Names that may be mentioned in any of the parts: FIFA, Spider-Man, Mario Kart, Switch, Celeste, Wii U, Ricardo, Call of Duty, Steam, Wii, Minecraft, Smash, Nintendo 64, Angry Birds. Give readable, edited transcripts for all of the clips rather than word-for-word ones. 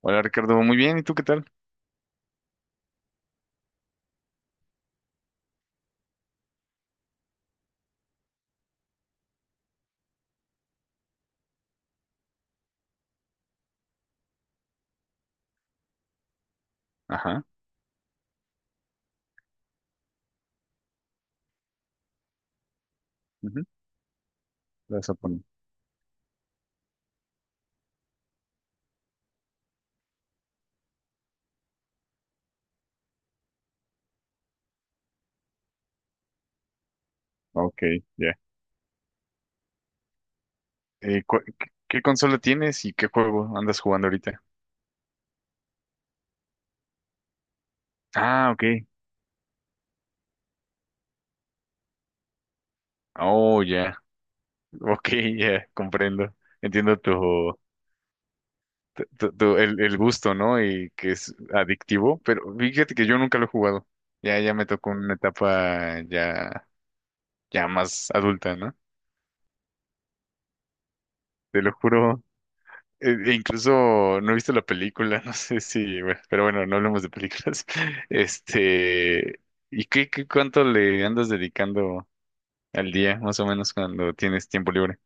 Hola Ricardo, muy bien, ¿y tú qué tal? Ajá, ujú, la vas a poner. Ok, ya. ¿Qué consola tienes y qué juego andas jugando ahorita? Ah, ok. Oh, ya. Ok, ya, comprendo. Entiendo tu, el gusto, ¿no? Y que es adictivo, pero fíjate que yo nunca lo he jugado. Ya, ya me tocó una etapa ya, ya más adulta, ¿no? Te lo juro. E incluso no he visto la película, no sé si, bueno, pero bueno, no hablemos de películas. Este, ¿y qué, cuánto le andas dedicando al día, más o menos, cuando tienes tiempo libre?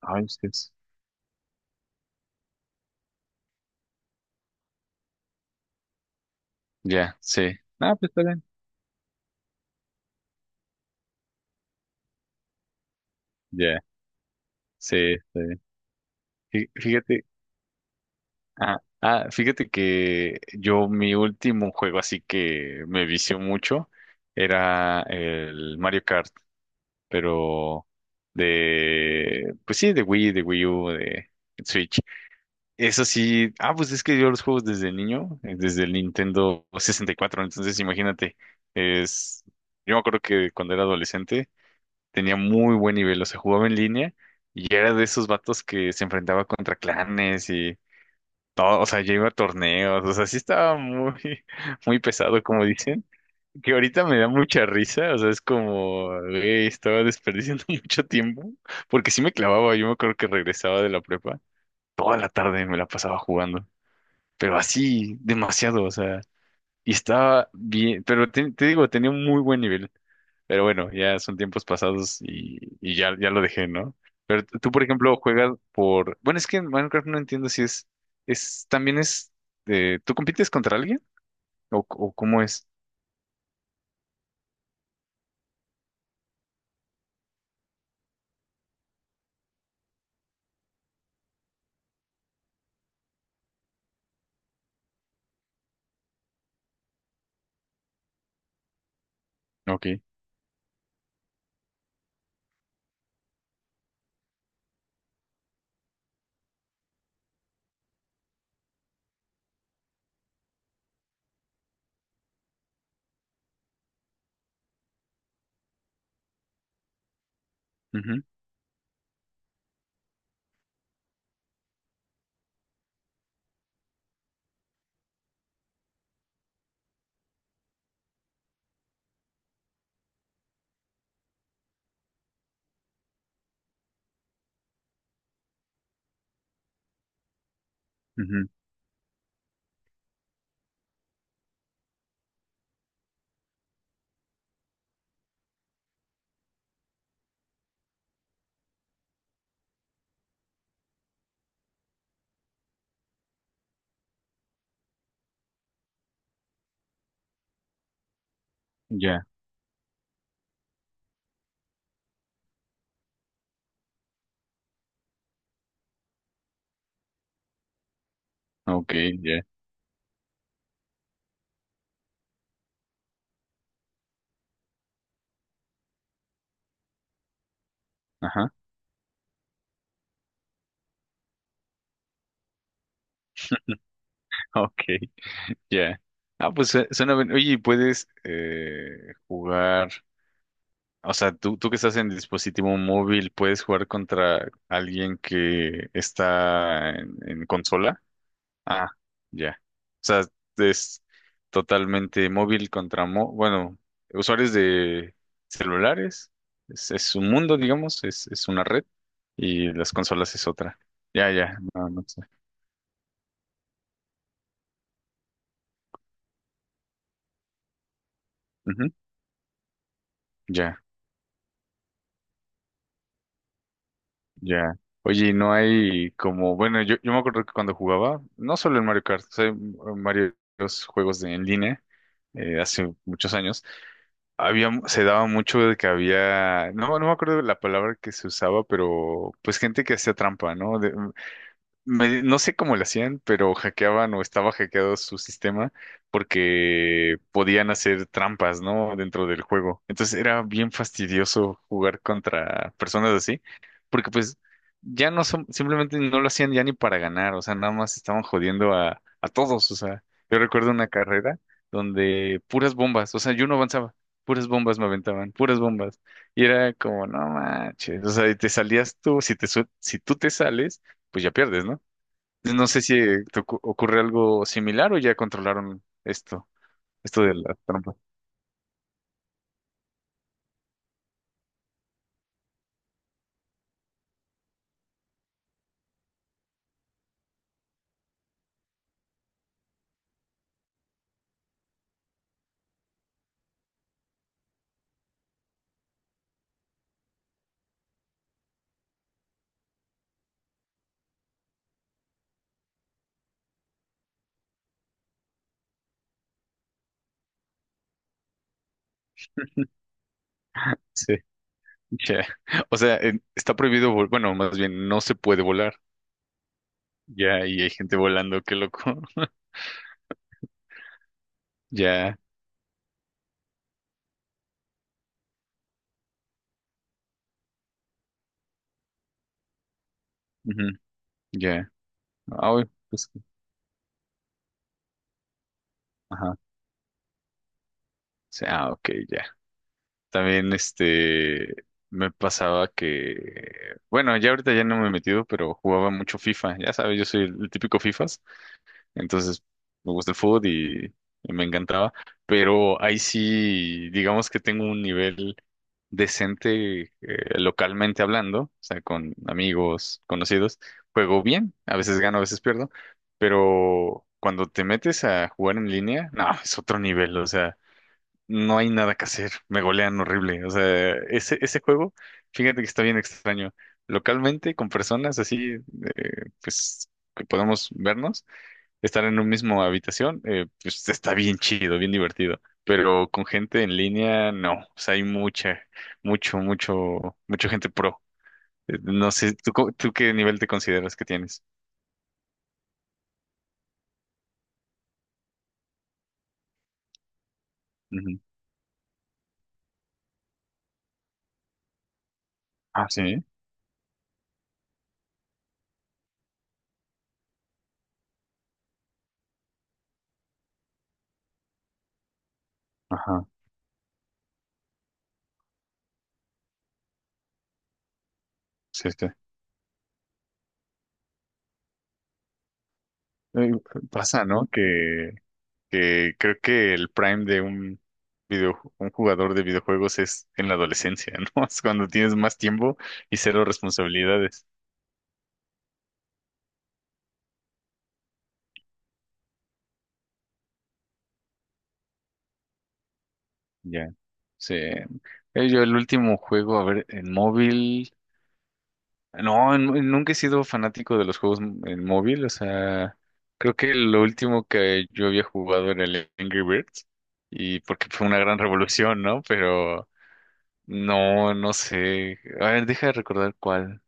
Ay, ustedes. Ya, sí. Ah, pues está bien. Ya, sí, está bien. Fí- Fíjate, fíjate que yo mi último juego así que me vició mucho era el Mario Kart. Pero pues sí, de Wii U, de Switch. Eso sí, pues es que yo los juegos desde niño, desde el Nintendo 64, entonces imagínate, es, yo me acuerdo que cuando era adolescente tenía muy buen nivel, o sea, jugaba en línea y era de esos vatos que se enfrentaba contra clanes y todo, o sea, yo iba a torneos, o sea, sí estaba muy, muy pesado, como dicen, que ahorita me da mucha risa, o sea, es como, güey, estaba desperdiciando mucho tiempo, porque sí me clavaba, yo me acuerdo que regresaba de la prepa, toda la tarde me la pasaba jugando, pero así, demasiado, o sea, y estaba bien, pero te digo, tenía un muy buen nivel, pero bueno, ya son tiempos pasados y ya, ya lo dejé, ¿no? Pero tú, por ejemplo, juegas bueno, es que en Minecraft no entiendo si es, también es, ¿tú compites contra alguien? ¿O cómo es? Ok. Ujú, ujú. Ya. Ok, ya. Ajá. Ok, ya. Ah, pues suena bien. Oye, ¿y puedes jugar? O sea, tú que estás en dispositivo móvil, ¿puedes jugar contra alguien que está en, consola? Ah, ya. O sea, es totalmente móvil contra bueno, usuarios de celulares. Es un mundo, digamos, es una red y las consolas es otra. Ya, ya. No, no sé. Ujú, ya. Ya. Oye, ¿y no hay como, bueno, yo me acuerdo que cuando jugaba, no solo en Mario Kart, o sea, en varios juegos en línea, hace muchos años, se daba mucho de que había, no me acuerdo la palabra que se usaba, pero pues gente que hacía trampa, ¿no? No sé cómo lo hacían, pero hackeaban o estaba hackeado su sistema porque podían hacer trampas, ¿no? Dentro del juego. Entonces era bien fastidioso jugar contra personas así, porque pues ya no son, simplemente no lo hacían ya ni para ganar, o sea, nada más estaban jodiendo a todos, o sea, yo recuerdo una carrera donde puras bombas, o sea, yo no avanzaba. Puras bombas me aventaban, puras bombas. Y era como, no manches. O sea, y te salías tú, si tú te sales, pues ya pierdes, ¿no? No sé si te ocurre algo similar o ya controlaron esto, de la trampa. Sí, ya. O sea, está prohibido, bueno, más bien no se puede volar. Ya, y hay gente volando, qué loco. Ya, ujú, ya. Ah, uy, pues, ajá. Sí, ah, ok, ya. También este me pasaba que, bueno, ya ahorita ya no me he metido, pero jugaba mucho FIFA. Ya sabes, yo soy el típico FIFA. Entonces, me gusta el fútbol y me encantaba. Pero ahí sí, digamos que tengo un nivel decente localmente hablando, o sea, con amigos, conocidos. Juego bien, a veces gano, a veces pierdo, pero cuando te metes a jugar en línea, no, es otro nivel, o sea, no hay nada que hacer, me golean horrible, o sea, ese juego, fíjate que está bien extraño. Localmente, con personas así, pues, que podemos vernos estar en un mismo habitación, pues está bien chido, bien divertido. Pero con gente en línea, no. O sea, hay mucha gente pro. No sé, ¿tú qué nivel te consideras que tienes? Ujú. Ah, sí. Ajá, sí, sí. Eh, Pasa, ¿no? Que creo que el prime de un jugador de videojuegos es en la adolescencia, ¿no? Es cuando tienes más tiempo y cero responsabilidades. Ya, sí. Yo el último juego, a ver, en móvil, no, nunca he sido fanático de los juegos en móvil, o sea, creo que lo último que yo había jugado era el Angry Birds, y porque fue una gran revolución, ¿no? Pero no, no sé, a ver, deja de recordar cuál.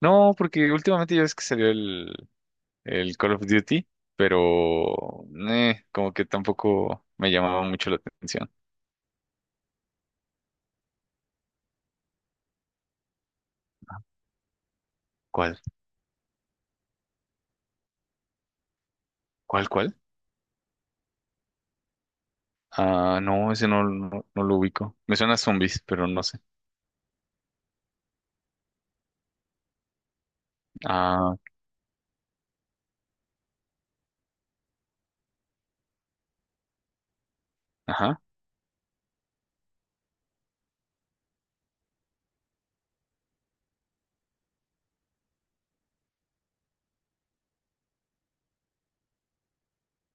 No, porque últimamente ya ves que salió el Call of Duty, pero como que tampoco me llamaba mucho la atención. ¿Cuál? ¿Cuál, cuál? Ah, no, ese no, no, no lo ubico. Me suena a zombies, pero no sé. Ah, ajá.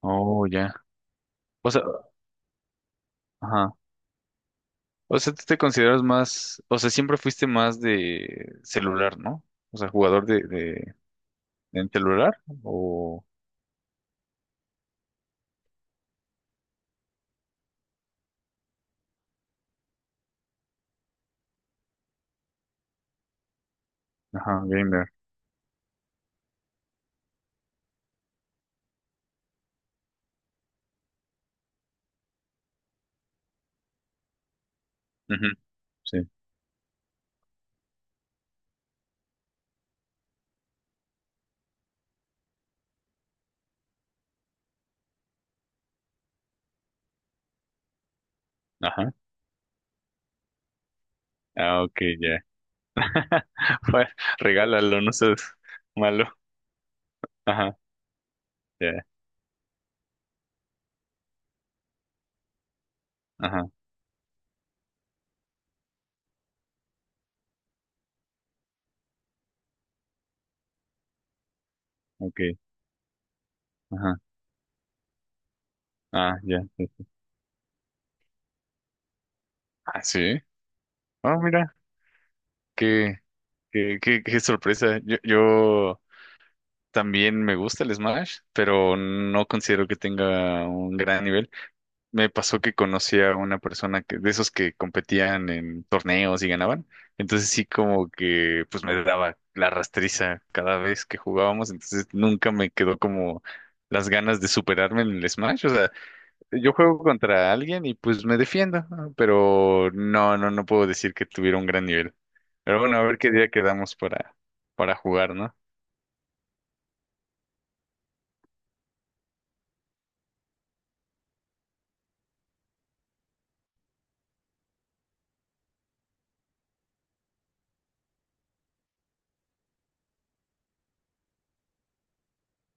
Oh, ya. O sea, ajá. O sea, tú te consideras más, o sea, siempre fuiste más de celular, ¿no? O sea, jugador de, de celular o, ajá, gamer. Ujú. Sí. Ajá. Ah, ok, ya. Bueno, regálalo, no seas malo. Ajá, ya. Ajá, ok. Ajá. Ah, ya. Ya. Ah, sí. Ah, mira, qué, qué sorpresa. Yo también me gusta el Smash, pero no considero que tenga un gran nivel. Me pasó que conocí a una persona que, de esos que competían en torneos y ganaban. Entonces sí como que pues me daba la rastriza cada vez que jugábamos. Entonces nunca me quedó como las ganas de superarme en el Smash. O sea, yo juego contra alguien y pues me defiendo, ¿no? Pero no puedo decir que tuviera un gran nivel. Pero bueno, a ver qué día quedamos para, jugar, ¿no?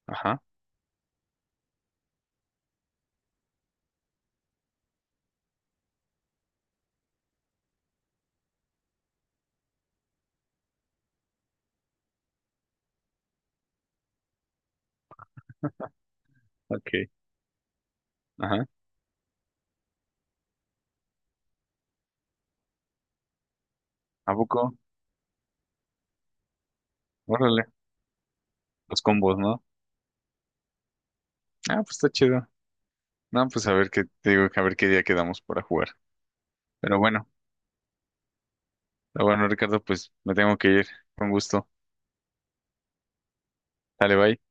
Ajá, ok, ajá. ¿A poco? Órale, los combos, ¿no? Ah, pues está chido. No, pues a ver qué, te digo, a ver qué día quedamos para jugar. Pero bueno, está bueno, Ricardo, pues me tengo que ir. Con gusto. Dale, bye.